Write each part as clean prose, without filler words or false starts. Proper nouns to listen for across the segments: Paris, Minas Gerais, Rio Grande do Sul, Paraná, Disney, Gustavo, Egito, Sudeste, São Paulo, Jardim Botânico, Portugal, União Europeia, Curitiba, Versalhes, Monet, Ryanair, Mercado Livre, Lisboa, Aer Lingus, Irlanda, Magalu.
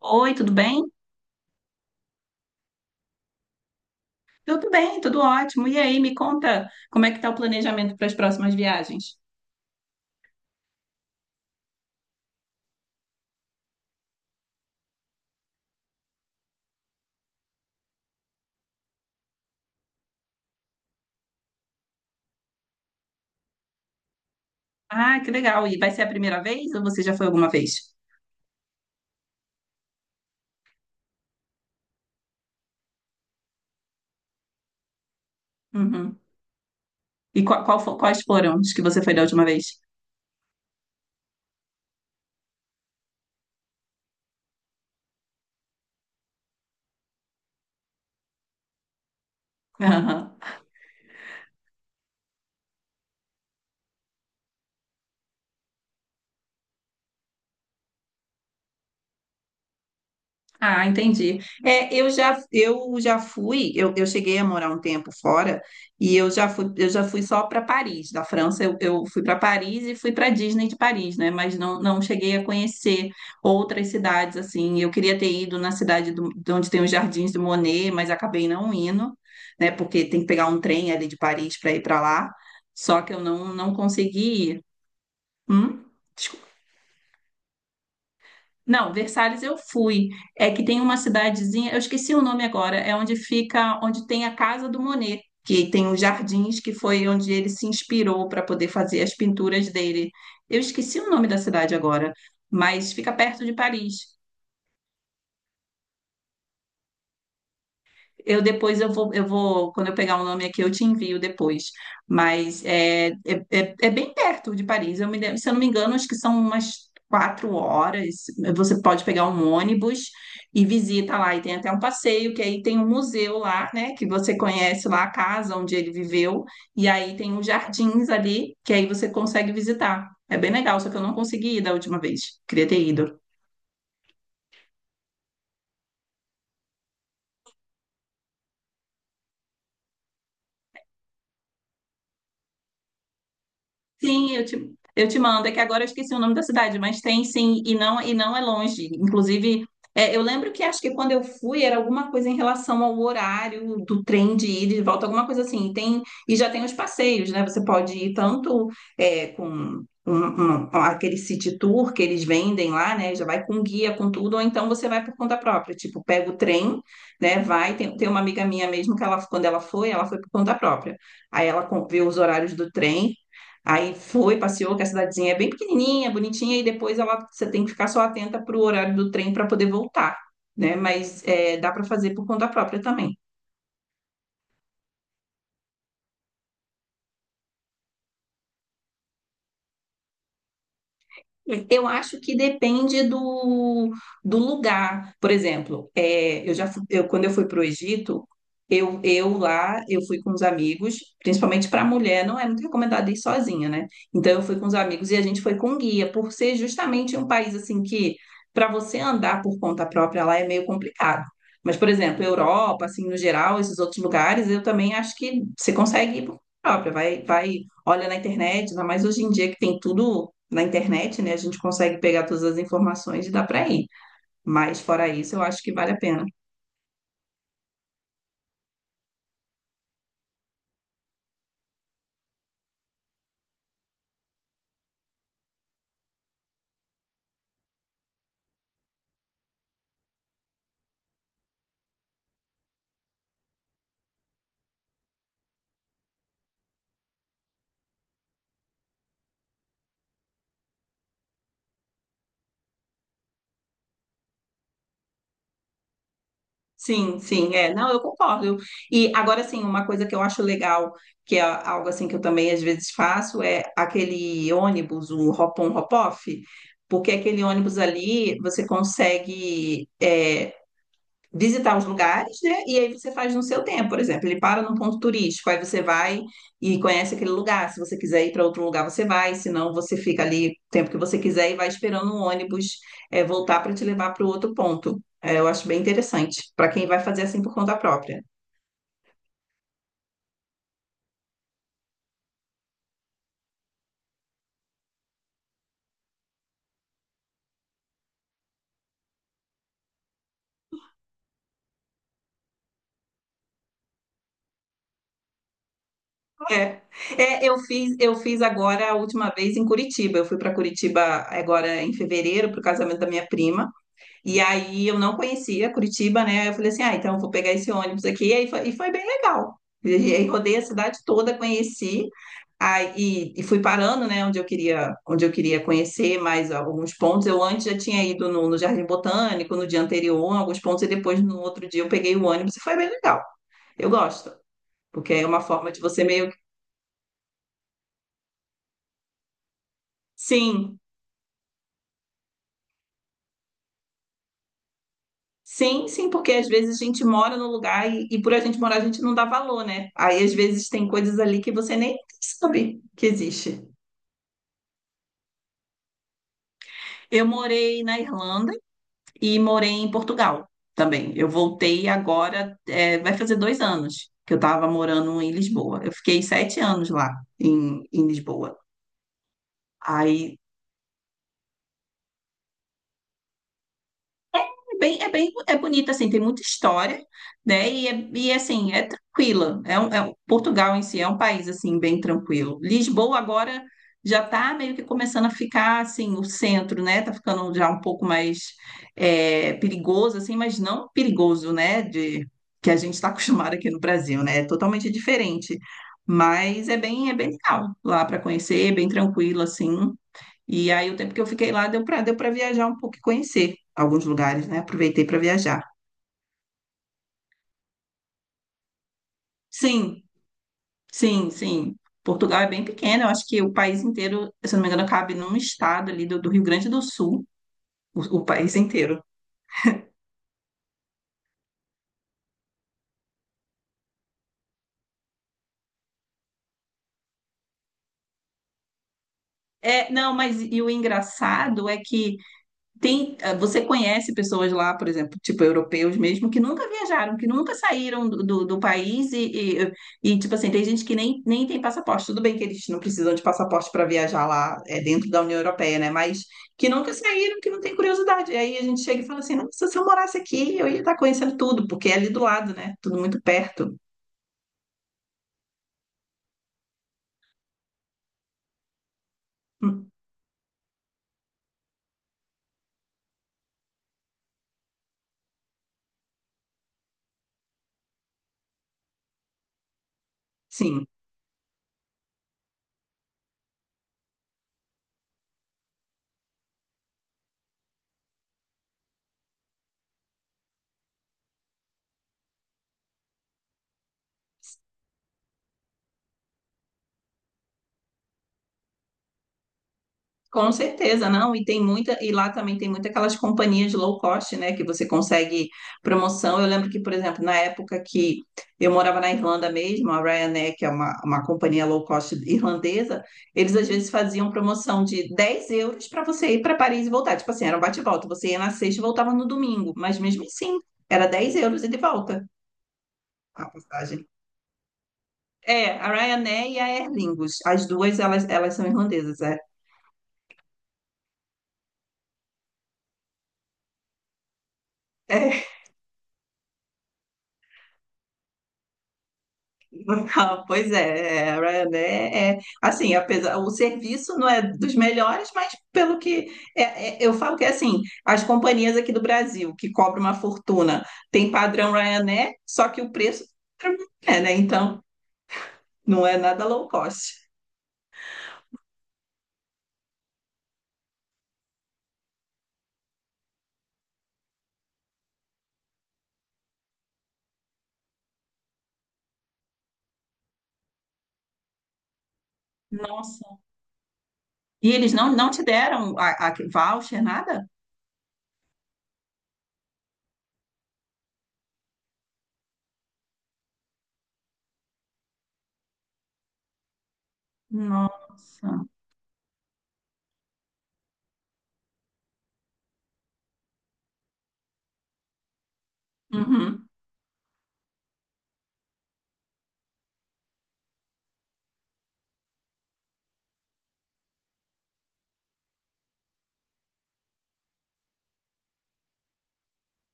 Oi, tudo bem? Tudo bem, tudo ótimo. E aí, me conta como é que tá o planejamento para as próximas viagens? Ah, que legal. E vai ser a primeira vez ou você já foi alguma vez? Uhum. E quais foram os que você foi da última vez? Aham. Ah, entendi. É, eu já fui, eu cheguei a morar um tempo fora e eu já fui só para Paris, da França. Eu fui para Paris e fui para Disney de Paris, né? Mas não cheguei a conhecer outras cidades assim. Eu queria ter ido na cidade de onde tem os Jardins do Monet, mas acabei não indo, né? Porque tem que pegar um trem ali de Paris para ir para lá. Só que eu não consegui ir. Hum? Não, Versalhes eu fui. É que tem uma cidadezinha, eu esqueci o nome agora, é onde fica, onde tem a casa do Monet, que tem os jardins, que foi onde ele se inspirou para poder fazer as pinturas dele. Eu esqueci o nome da cidade agora, mas fica perto de Paris. Eu depois eu vou, Quando eu pegar o nome aqui, eu te envio depois. Mas é bem perto de Paris. Se eu não me engano, acho que são umas 4 horas. Você pode pegar um ônibus e visita lá. E tem até um passeio, que aí tem um museu lá, né? Que você conhece lá a casa onde ele viveu. E aí tem uns jardins ali, que aí você consegue visitar. É bem legal, só que eu não consegui ir da última vez. Queria ter ido. Sim, eu te mando. É que agora eu esqueci o nome da cidade, mas tem sim, e não, é longe. Inclusive, eu lembro que acho que quando eu fui era alguma coisa em relação ao horário do trem de ida e de volta, alguma coisa assim. E já tem os passeios, né? Você pode ir tanto com aquele city tour que eles vendem lá, né? Já vai com guia, com tudo, ou então você vai por conta própria. Tipo, pega o trem, né? Vai. Tem uma amiga minha mesmo que ela, quando ela foi por conta própria. Aí ela vê os horários do trem. Aí foi, passeou, que a cidadezinha é bem pequenininha, bonitinha, e depois ela, você tem que ficar só atenta para o horário do trem para poder voltar, né? Mas é, dá para fazer por conta própria também. Eu acho que depende do lugar. Por exemplo, é, eu já fu- eu, quando eu fui para o Egito, eu lá eu fui com os amigos, principalmente para mulher, não é muito recomendado ir sozinha, né? Então eu fui com os amigos e a gente foi com guia, por ser justamente um país assim que para você andar por conta própria lá é meio complicado. Mas, por exemplo, Europa, assim, no geral, esses outros lugares, eu também acho que você consegue ir por conta própria, vai, vai, olha na internet, ainda mais hoje em dia que tem tudo na internet, né? A gente consegue pegar todas as informações e dá para ir. Mas fora isso, eu acho que vale a pena. Sim, sim, é. Não, eu concordo. E agora sim, uma coisa que eu acho legal, que é algo assim que eu também às vezes faço, é aquele ônibus, o hop-on, hop-off, porque aquele ônibus ali você consegue visitar os lugares, né? E aí você faz no seu tempo, por exemplo, ele para num ponto turístico, aí você vai e conhece aquele lugar. Se você quiser ir para outro lugar, você vai, se não, você fica ali o tempo que você quiser e vai esperando um ônibus voltar para te levar para o outro ponto. É, eu acho bem interessante para quem vai fazer assim por conta própria. É, eu fiz agora a última vez em Curitiba. Eu fui para Curitiba agora em fevereiro para o casamento da minha prima. E aí eu não conhecia Curitiba, né? Eu falei assim, ah, então eu vou pegar esse ônibus aqui. E aí foi, e foi bem legal. E aí rodei a cidade toda, conheci, aí, e fui parando, né, onde eu queria conhecer mais alguns pontos. Eu antes já tinha ido no Jardim Botânico no dia anterior, em alguns pontos, e depois no outro dia eu peguei o ônibus e foi bem legal. Eu gosto, porque é uma forma de você meio que. Sim. Sim, sim, porque às vezes a gente mora no lugar e por a gente morar a gente não dá valor, né? Aí às vezes tem coisas ali que você nem sabe que existe. Eu morei na Irlanda e morei em Portugal também. Eu voltei agora, vai fazer 2 anos que eu estava morando em Lisboa. Eu fiquei 7 anos lá em Lisboa. Aí é bonita, assim, tem muita história, né? E assim, é tranquila. Portugal em si é um país, assim, bem tranquilo. Lisboa agora já está meio que começando a ficar, assim, o centro, né? Tá ficando já um pouco mais perigoso, assim, mas não perigoso, né? Que a gente está acostumado aqui no Brasil, né? É totalmente diferente. Mas é bem legal lá para conhecer, bem tranquilo, assim. E aí o tempo que eu fiquei lá deu para viajar um pouco e conhecer alguns lugares, né? Aproveitei para viajar. Sim, sim, sim. Portugal é bem pequeno, eu acho que o país inteiro, se eu não me engano, cabe num estado ali do Rio Grande do Sul, o país inteiro. É, não, mas e o engraçado é que. Você conhece pessoas lá, por exemplo, tipo europeus mesmo, que nunca viajaram, que nunca saíram do país tipo assim, tem gente que nem tem passaporte. Tudo bem que eles não precisam de passaporte para viajar lá, dentro da União Europeia, né? Mas que nunca saíram, que não tem curiosidade. E aí a gente chega e fala assim: nossa, se eu morasse aqui, eu ia estar conhecendo tudo, porque é ali do lado, né? Tudo muito perto. Hum. Sim. Com certeza, não. E lá também tem muitas aquelas companhias low cost, né? Que você consegue promoção. Eu lembro que, por exemplo, na época que eu morava na Irlanda mesmo, a Ryanair, que é uma companhia low cost irlandesa, eles às vezes faziam promoção de 10 euros para você ir para Paris e voltar. Tipo assim, era um bate-volta. Você ia na sexta e voltava no domingo. Mas mesmo assim, era 10 euros e de volta a passagem. É, a Ryanair e a Aer Lingus. As duas, elas são irlandesas, é. Ah, Pois é, a Ryanair é, assim, apesar, o serviço não é dos melhores, mas pelo que é, eu falo que é assim, as companhias aqui do Brasil que cobram uma fortuna tem padrão Ryanair, só que o preço é, né? Então não é nada low cost. Nossa. E eles não te deram a voucher, nada? Nossa. Uhum,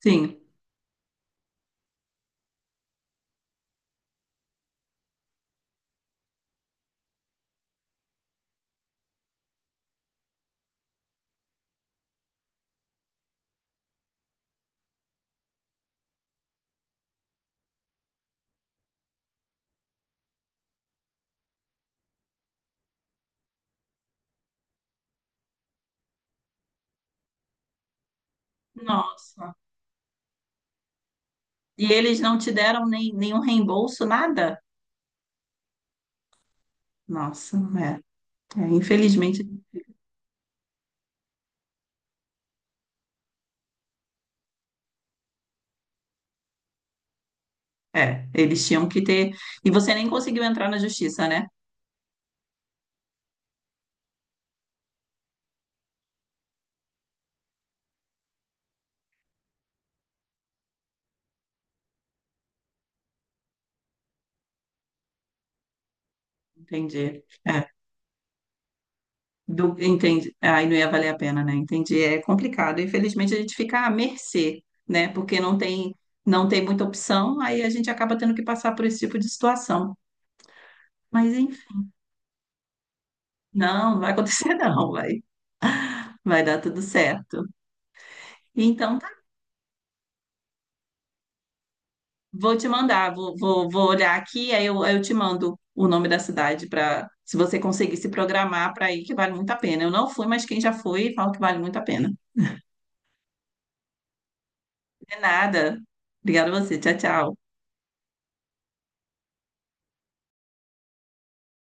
sim. Nossa. E eles não te deram nem, nenhum reembolso, nada? Nossa, infelizmente. É, eles tinham que ter. E você nem conseguiu entrar na justiça, né? Entendi. É, entendi. Aí não ia valer a pena, né? Entendi. É complicado. Infelizmente a gente fica à mercê, né? Porque não tem muita opção, aí a gente acaba tendo que passar por esse tipo de situação. Mas enfim, não, não vai acontecer, não. Vai dar tudo certo. Então vou te mandar, vou olhar aqui, aí eu te mando o nome da cidade para se você conseguir se programar para ir, que vale muito a pena. Eu não fui, mas quem já foi, fala que vale muito a pena. De nada. Obrigada a você. Tchau, tchau.